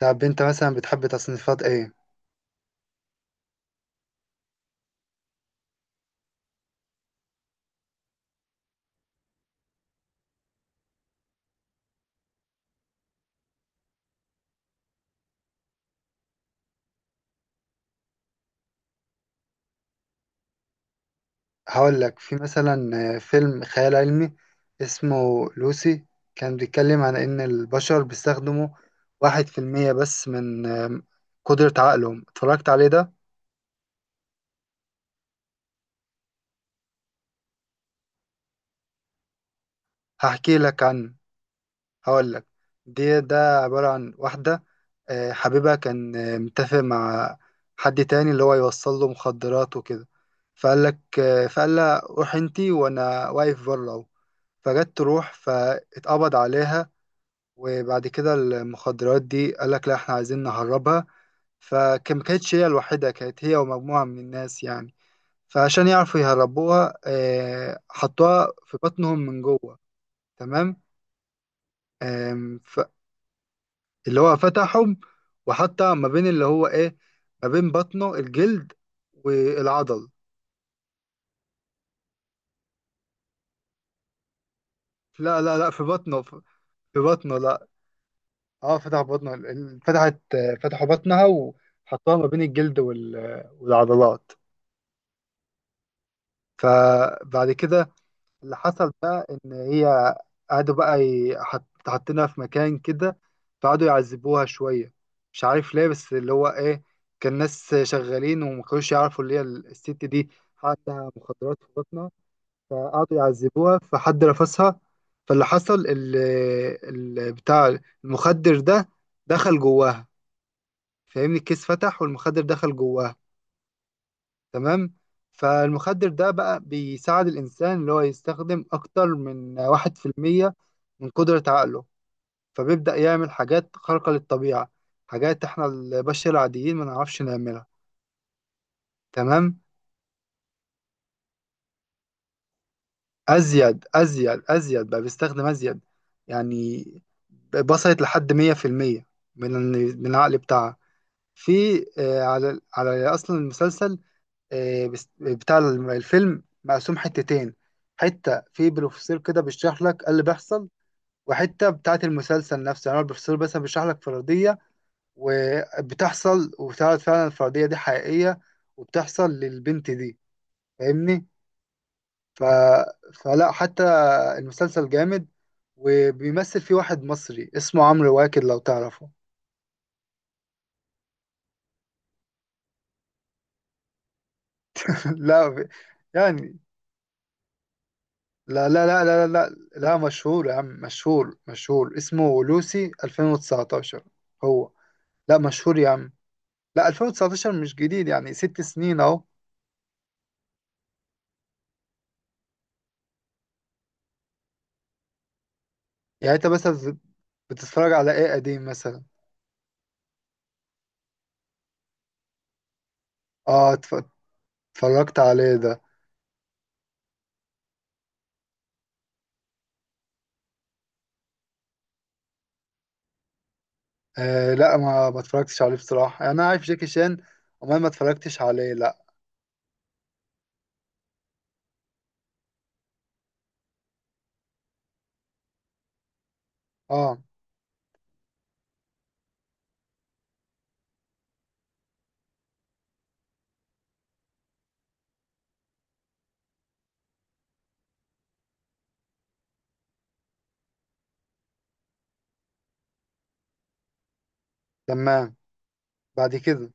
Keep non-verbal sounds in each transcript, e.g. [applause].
طب انت مثلا بتحب تصنيفات ايه؟ هقول لك في مثلا فيلم خيال علمي اسمه لوسي. كان بيتكلم عن ان البشر بيستخدموا 1% بس من قدرة عقلهم. اتفرجت عليه ده. هحكي لك عنه. هقول لك. ده عبارة عن واحدة حبيبها كان متفق مع حد تاني، اللي هو يوصل له مخدرات وكده. فقال لك فقال لها روح انتي، وانا واقف بره اهو. فجت تروح فاتقبض عليها. وبعد كده المخدرات دي قال لك لا احنا عايزين نهربها. فما كانتش هي الوحيدة، كانت هي ومجموعة من الناس يعني. فعشان يعرفوا يهربوها حطوها في بطنهم من جوه. تمام. آم، ف- اللي هو فتحهم وحطها ما بين اللي هو ايه، ما بين بطنه الجلد والعضل. لا لا لا، في بطنه، في بطنه. لا اه فتح بطنه. ال- ال- فتحت آه، فتحوا بطنها وحطوها ما بين الجلد والعضلات. فبعد كده اللي حصل بقى ان هي قعدوا بقى حاطينها في مكان كده. فقعدوا يعذبوها شويه، مش عارف ليه، بس اللي هو ايه، كان ناس شغالين وما كانوش يعرفوا اللي هي الست دي عندها مخدرات في بطنها. فقعدوا يعذبوها، فحد رفسها. فاللي حصل بتاع المخدر ده دخل جواها، فاهمني، الكيس فتح والمخدر دخل جواها. تمام. فالمخدر ده بقى بيساعد الإنسان اللي هو يستخدم أكتر من 1% من قدرة عقله. فبيبدأ يعمل حاجات خارقة للطبيعة، حاجات إحنا البشر العاديين ما نعرفش نعملها. تمام. أزيد أزيد أزيد، بقى بيستخدم أزيد يعني. وصلت لحد 100% من العقل بتاعها. في على أصلا المسلسل. بتاع الفيلم مقسوم حتتين. حتة في بروفيسور كده بيشرح لك إيه اللي بيحصل، وحتة بتاعة المسلسل نفسه. يعني هو البروفيسور بس بيشرح لك فرضية، وبتحصل وبتعرض فعلا الفرضية دي حقيقية، وبتحصل للبنت دي، فاهمني. ف... فلا حتى، المسلسل جامد. وبيمثل فيه واحد مصري اسمه عمرو واكد، لو تعرفه. [laughs] لا يعني، لا لا لا لا لا لا لا، مشهور يا عم، مشهور مشهور، اسمه لوسي 2019. هو. لا مشهور يا عم. لا 2019 مش جديد، يعني 6 سنين اهو. يعني انت مثلا بتتفرج على ايه قديم مثلا؟ اه اتفرجت عليه ده. آه لا ما اتفرجتش عليه بصراحة، يعني انا عارف جاكي شان وما ما اتفرجتش عليه، لا. اه. تمام. بعد كده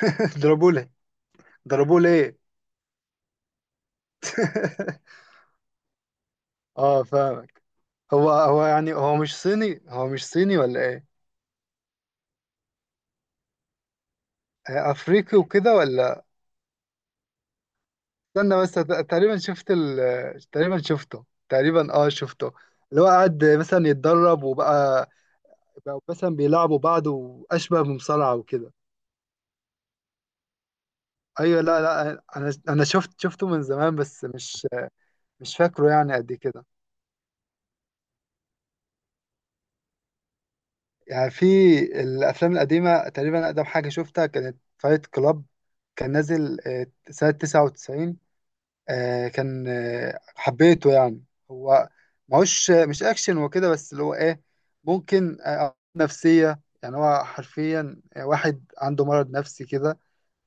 [laughs] ضربوه ليه؟ ضربوه ليه؟ [laughs] اه فاهمك. هو يعني هو مش صيني، هو مش صيني ولا إيه؟ افريقي وكده ولا؟ استنى بس، ت- تقريبا شفت ال... تقريبا شفته تقريبا اه شفته. اللي هو قعد مثلا يتدرب، وبقى مثلا بيلعبوا بعض واشبه بمصارعة وكده. ايوه لا لا، انا شفته من زمان، بس مش فاكره يعني قد كده. يعني في الافلام القديمة، تقريبا اقدم حاجة شفتها كانت فايت كلاب. كان نازل سنة 99. كان حبيته يعني. هو ماهوش مش اكشن وكده، بس اللي هو ايه، ممكن نفسية. يعني هو حرفيا واحد عنده مرض نفسي كده،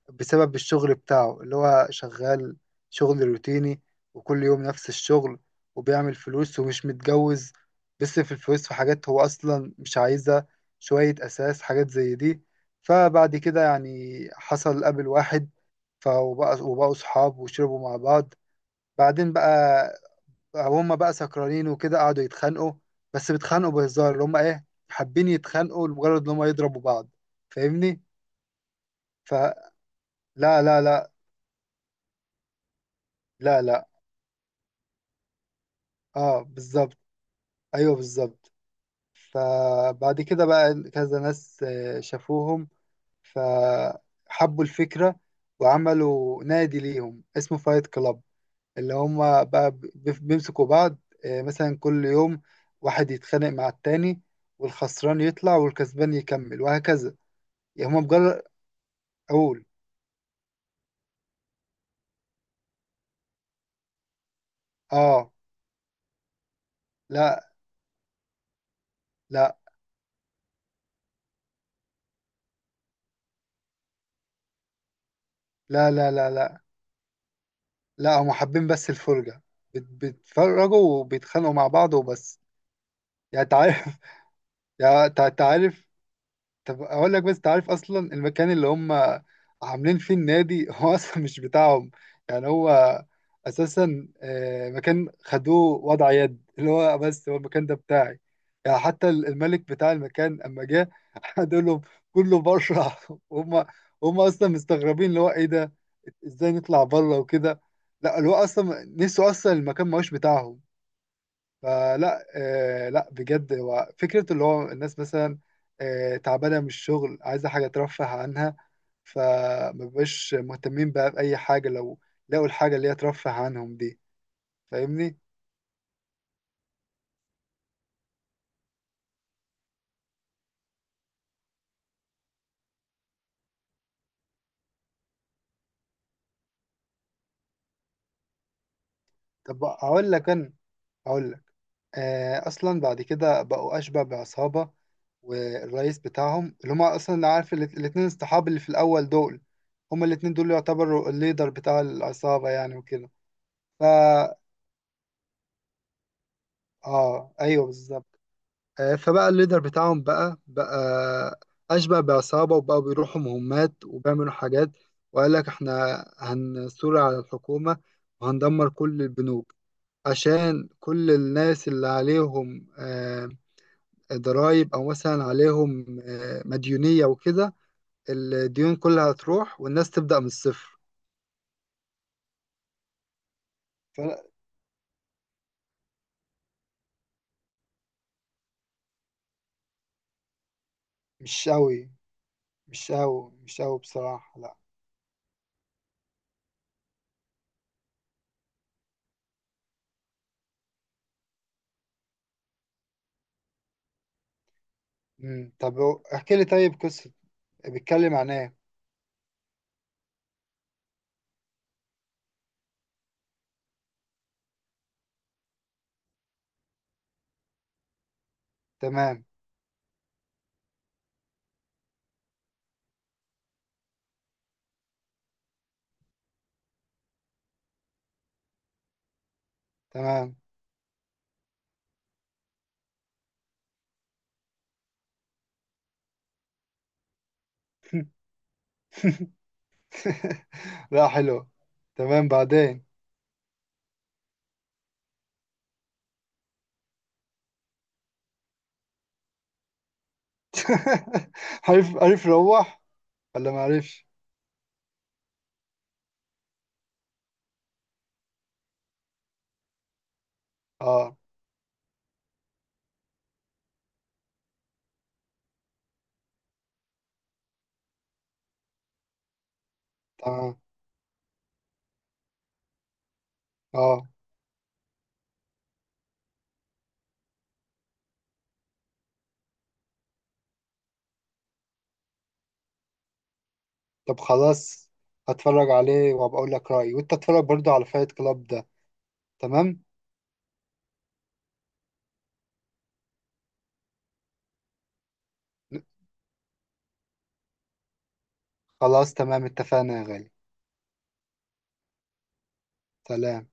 بسبب الشغل بتاعه اللي هو شغال. شغل روتيني، وكل يوم نفس الشغل. وبيعمل فلوس ومش متجوز. بيصرف الفلوس في حاجات هو أصلا مش عايزها، شوية أساس حاجات زي دي. فبعد كده يعني حصل قابل واحد. فبقى، وبقوا صحاب وشربوا مع بعض. بعدين بقى هم بقى سكرانين وكده، قعدوا يتخانقوا. بس بيتخانقوا بهزار، اللي هم ايه، حابين يتخانقوا لمجرد ان هم يضربوا بعض، فاهمني؟ فلا، لا لا لا لا لا اه بالظبط. ايوه بالظبط. فبعد كده بقى كذا ناس شافوهم، فحبوا الفكرة وعملوا نادي ليهم اسمه فايت كلاب. اللي هم بقى بيمسكوا بعض مثلا كل يوم، واحد يتخانق مع التاني، والخسران يطلع والكسبان يكمل، وهكذا. يعني هم مجرد أقول آه لا لا لا لا لا لا لا، هم حابين بس الفرجة. بيتفرجوا وبيتخانقوا مع بعض وبس. يعني تعرف. [laughs] يعني تعرف، طب اقول لك، بس انت عارف اصلا المكان اللي هم عاملين فيه النادي هو [laughs] اصلا مش بتاعهم. يعني هو اساسا مكان خدوه وضع يد، اللي هو بس هو المكان ده بتاعي. يعني حتى الملك بتاع المكان اما جه [laughs] قال لهم كله بره. [laughs] هم اصلا مستغربين اللي هو ايه ده، ازاي نطلع بره وكده. لا اللي هو اصلا نسوا اصلا المكان ما هوش بتاعهم. فلا، آه لا بجد، هو فكرة اللي هو الناس مثلا تعبانة من الشغل، عايزة حاجة ترفه عنها. فمبقاش مهتمين بقى بأي حاجة، لو لقوا الحاجة اللي هي ترفه عنهم دي، فاهمني؟ طب أقول لك أنا، أقول لك، أصلا بعد كده بقوا أشبه بعصابة. والرئيس بتاعهم اللي هما أصلا، عارف الاتنين الصحاب اللي في الأول دول، هما الاتنين دول يعتبروا الليدر بتاع العصابة يعني وكده. فا آه أيوه بالظبط. فبقى الليدر بتاعهم بقى أشبه بعصابة. وبقوا بيروحوا مهمات وبيعملوا حاجات. وقال لك احنا هنثور على الحكومة وهندمر كل البنوك، عشان كل الناس اللي عليهم ضرايب أو مثلا عليهم مديونية وكده، الديون كلها هتروح والناس تبدأ من الصفر. فلا مش أوي، مش أوي مش أوي بصراحة، لا. طب احكي لي طيب قصة، بيتكلم عن ايه. تمام. تمام. [laughs] [laughs] لا حلو. تمام، بعدين. [laughs] عرف عرف روح ولا ما عرفش. اه. تمام. اه. طب خلاص، هتفرج عليه وهبقى اقول لك رأيي، وانت اتفرج برضو على فايت كلاب ده. تمام. خلاص تمام، اتفقنا يا غالي. سلام.